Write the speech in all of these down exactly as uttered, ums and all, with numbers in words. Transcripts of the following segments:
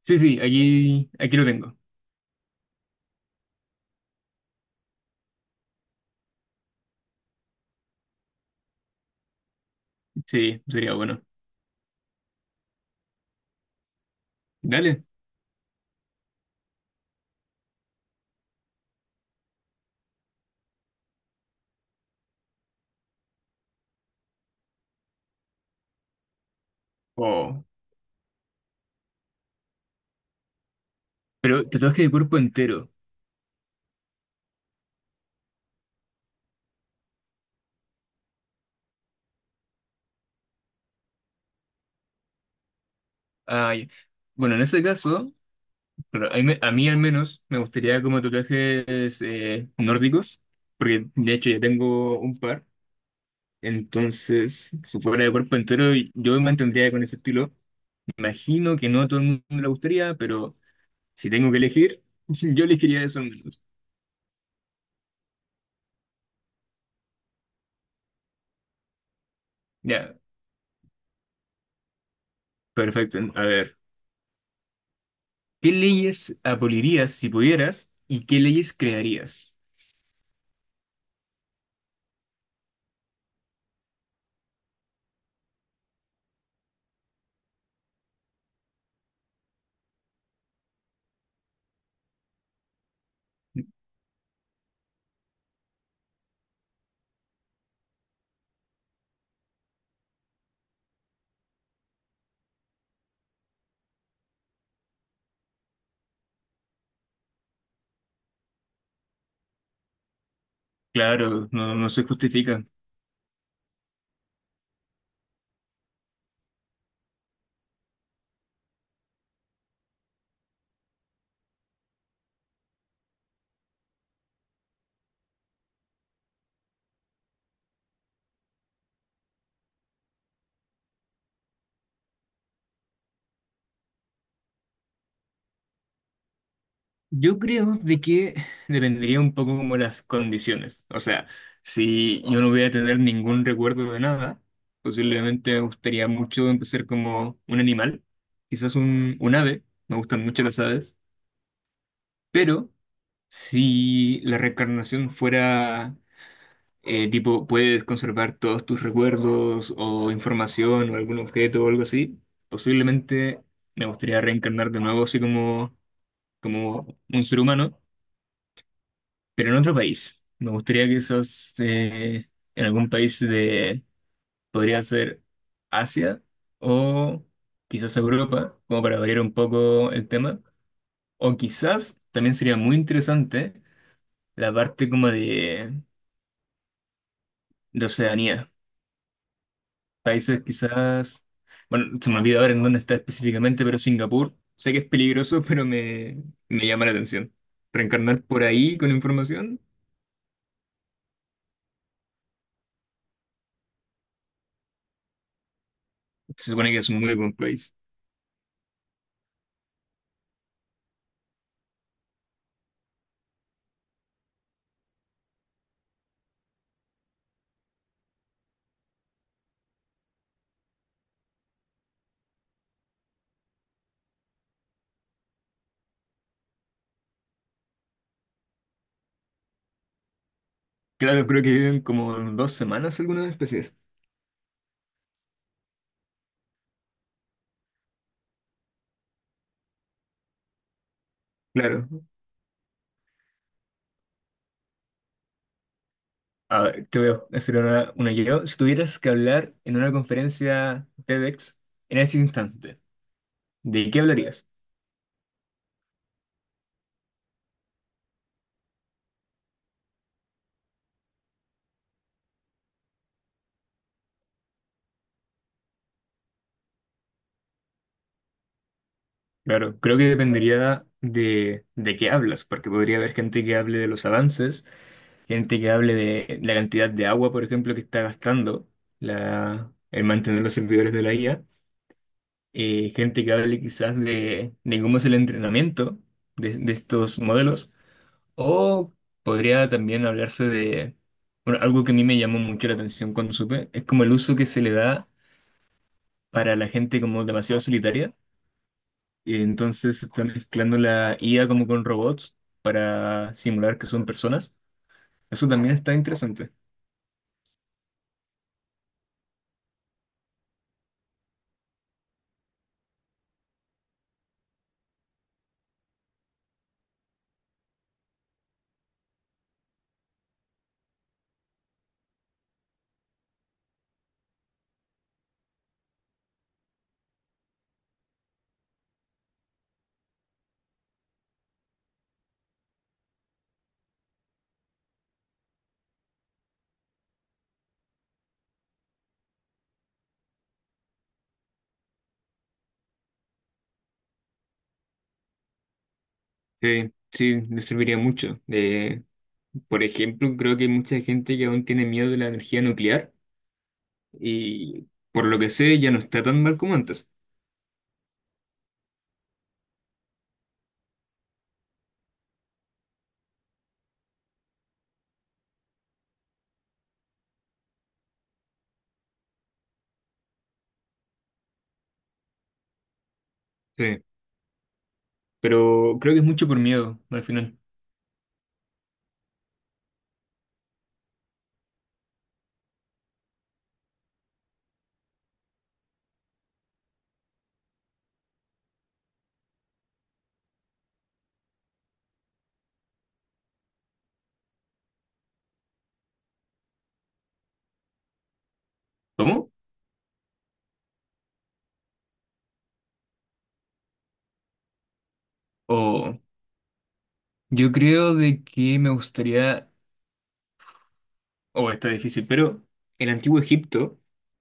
Sí, sí, aquí, aquí lo tengo. Sí, sería bueno. Dale. Oh. Pero tatuaje de cuerpo entero. Ay. Bueno, en ese caso, claro, a mí, me- a mí al menos me gustaría como tatuajes eh, nórdicos, porque de hecho ya tengo un par. Entonces, si fuera de cuerpo entero, yo me mantendría con ese estilo. Imagino que no a todo el mundo le gustaría, pero si tengo que elegir, yo elegiría eso al menos. Ya, perfecto. A ver. ¿Qué leyes abolirías si pudieras y qué leyes crearías? Claro, no, no se justifica. Yo creo de que dependería un poco como las condiciones. O sea, si yo no voy a tener ningún recuerdo de nada, posiblemente me gustaría mucho empezar como un animal, quizás un, un ave, me gustan mucho las aves, pero si la reencarnación fuera Eh, tipo, puedes conservar todos tus recuerdos o información o algún objeto o algo así. Posiblemente me gustaría reencarnar de nuevo así como, como un ser humano, pero en otro país. Me gustaría que esos eh, en algún país de, podría ser Asia o quizás Europa, como para variar un poco el tema. O quizás también sería muy interesante la parte como de, de Oceanía. Países quizás, bueno, se me olvidó ahora en dónde está específicamente, pero Singapur, sé que es peligroso, pero me, me llama la atención. Reencarnar por ahí con información, se supone que es un muy buen país. Claro, creo que viven como dos semanas algunas especies. Claro, a ver, te veo hacer una, una yo. Si tuvieras que hablar en una conferencia TEDx en ese instante, ¿de qué hablarías? Claro, creo que dependería de, de qué hablas, porque podría haber gente que hable de los avances, gente que hable de la cantidad de agua, por ejemplo, que está gastando la, el mantener los servidores de la I A, eh, gente que hable quizás de, de cómo es el entrenamiento de, de estos modelos, o podría también hablarse de, bueno, algo que a mí me llamó mucho la atención cuando supe, es como el uso que se le da para la gente como demasiado solitaria, y entonces se está mezclando la I A como con robots para simular que son personas. Eso también está interesante. Sí, sí, me serviría mucho. Eh, por ejemplo, creo que hay mucha gente que aún tiene miedo de la energía nuclear y por lo que sé ya no está tan mal como antes. Sí, pero creo que es mucho por miedo al final. ¿Cómo? O yo creo de que me gustaría. Oh, está difícil, pero el antiguo Egipto,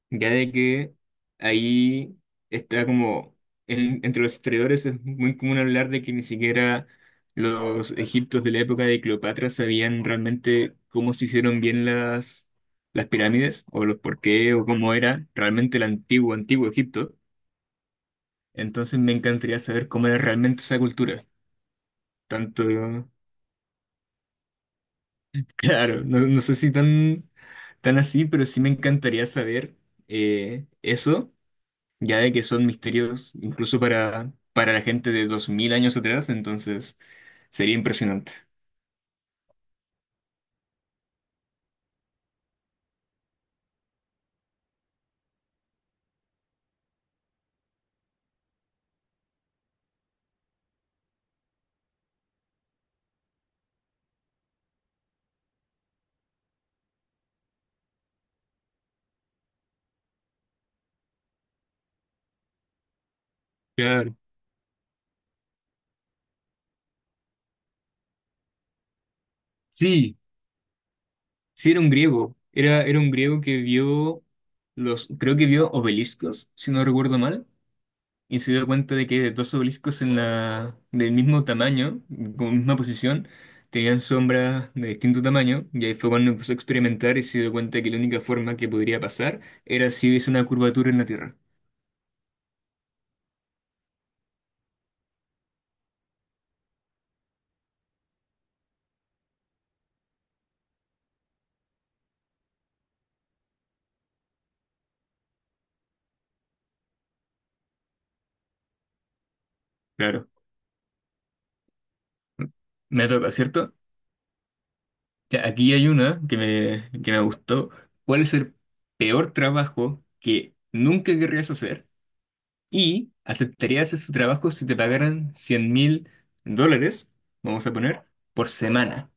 ya de que ahí está como, en- entre los historiadores es muy común hablar de que ni siquiera los egiptos de la época de Cleopatra sabían realmente cómo se hicieron bien las, las pirámides, o los por qué, o cómo era realmente el antiguo, antiguo Egipto. Entonces me encantaría saber cómo era realmente esa cultura, tanto. Claro, no, no sé si tan, tan así, pero sí me encantaría saber eh, eso, ya de que son misterios incluso para, para la gente de dos mil años atrás, entonces sería impresionante. Claro. Sí, sí era un griego, era, era un griego que vio los, creo que vio obeliscos, si no recuerdo mal, y se dio cuenta de que dos obeliscos en la, del mismo tamaño, con misma posición, tenían sombras de distinto tamaño, y ahí fue cuando empezó a experimentar y se dio cuenta que la única forma que podría pasar era si hubiese una curvatura en la Tierra. Claro, me toca, ¿cierto? Ya, aquí hay una que me, que me gustó. ¿Cuál es el peor trabajo que nunca querrías hacer? ¿Y aceptarías ese trabajo si te pagaran cien mil dólares, vamos a poner, por semana?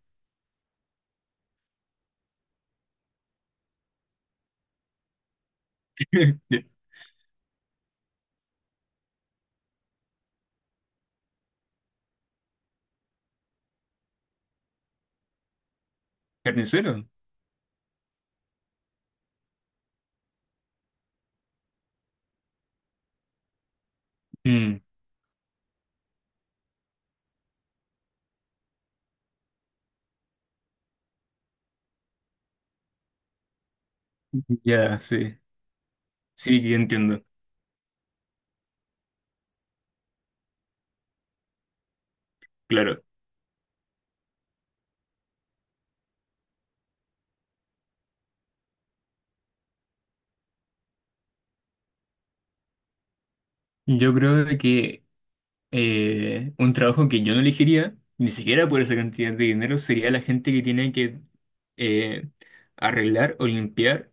¿Carnicero? Mm, ya, sí. Sí, ya entiendo. Claro. Yo creo de que eh, un trabajo que yo no elegiría, ni siquiera por esa cantidad de dinero, sería la gente que tiene que eh, arreglar o limpiar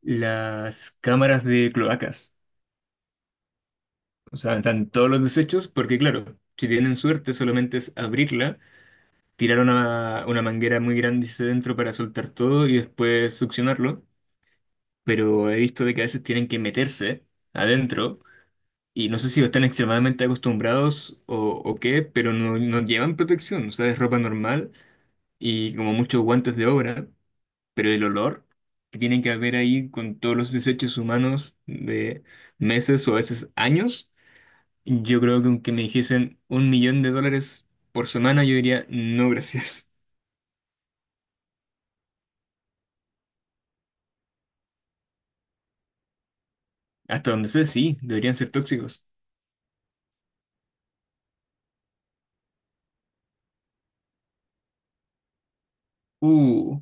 las cámaras de cloacas. O sea, están todos los desechos, porque claro, si tienen suerte, solamente es abrirla, tirar una, una manguera muy grande hacia adentro para soltar todo y después succionarlo. Pero he visto de que a veces tienen que meterse adentro. Y no sé si están extremadamente acostumbrados o, o qué, pero no, no llevan protección. O sea, es ropa normal y como muchos guantes de obra, pero el olor que tiene que haber ahí con todos los desechos humanos de meses o a veces años, yo creo que aunque me dijesen un millón de dólares por semana, yo diría no gracias. Hasta donde sé, sí, deberían ser tóxicos. Uh.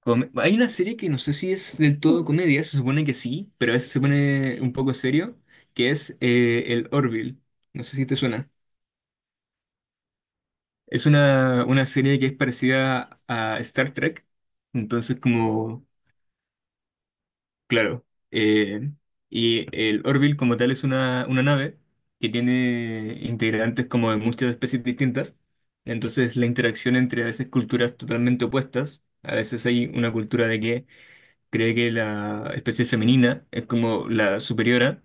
Come- Hay una serie que no sé si es del todo comedia, se supone que sí, pero a veces se pone un poco serio, que es eh, el Orville. No sé si te suena. Es una, una serie que es parecida a Star Trek, entonces como, claro. eh, y el Orville como tal es una, una nave que tiene integrantes como de muchas especies distintas, entonces la interacción entre a veces culturas totalmente opuestas, a veces hay una cultura de que cree que la especie femenina es como la superiora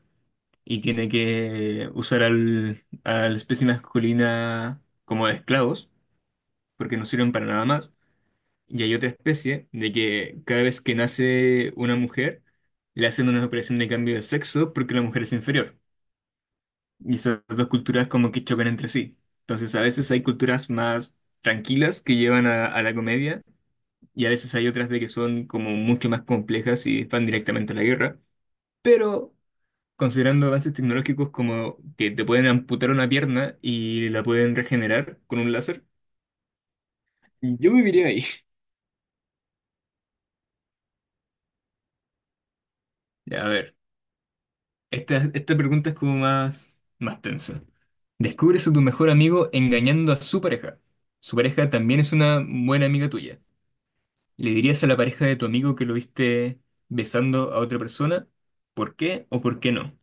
y tiene que usar al, a la especie masculina como de esclavos, porque no sirven para nada más. Y hay otra especie de que cada vez que nace una mujer, le hacen una operación de cambio de sexo porque la mujer es inferior. Y esas dos culturas como que chocan entre sí. Entonces a veces hay culturas más tranquilas que llevan a, a la comedia, y a veces hay otras de que son como mucho más complejas y van directamente a la guerra. Pero considerando avances tecnológicos como que te pueden amputar una pierna y la pueden regenerar con un láser, yo viviría ahí. Ya, a ver, esta, esta pregunta es como más, más tensa. Descubres a tu mejor amigo engañando a su pareja. Su pareja también es una buena amiga tuya. ¿Le dirías a la pareja de tu amigo que lo viste besando a otra persona? ¿Por qué o por qué no?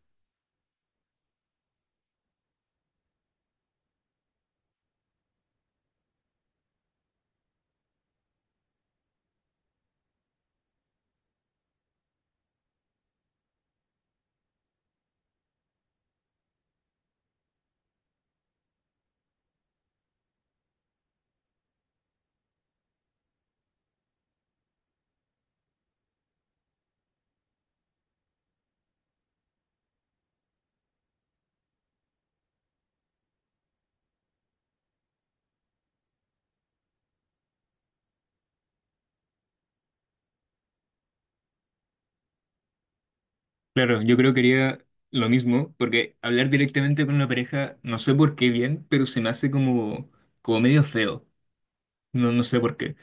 Claro, yo creo que haría lo mismo, porque hablar directamente con una pareja, no sé por qué bien, pero se me hace como, como medio feo. No, no sé por qué.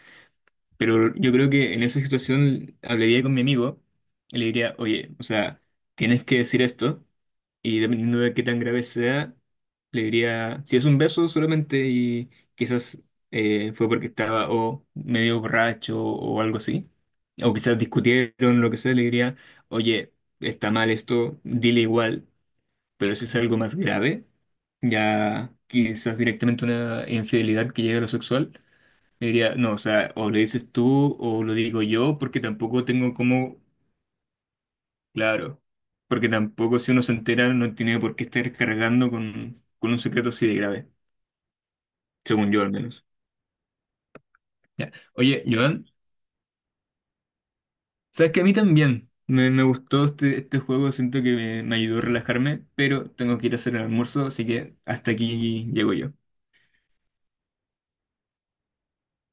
Pero yo creo que en esa situación hablaría con mi amigo y le diría, oye, o sea, tienes que decir esto. Y dependiendo de qué tan grave sea, le diría, si es un beso solamente y quizás eh, fue porque estaba o medio borracho o algo así, o quizás discutieron, lo que sea, le diría, oye, está mal esto, dile igual, pero si es algo más grave, ya quizás directamente una infidelidad que llegue a lo sexual, le diría, no, o sea, o le dices tú o lo digo yo porque tampoco tengo cómo. Claro, porque tampoco si uno se entera no tiene por qué estar cargando con, con un secreto así de grave, según yo al menos. Ya. Oye, Joan, sabes que a mí también me, me gustó este, este juego, siento que me, me ayudó a relajarme, pero tengo que ir a hacer el almuerzo, así que hasta aquí llego yo.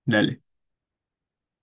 Dale.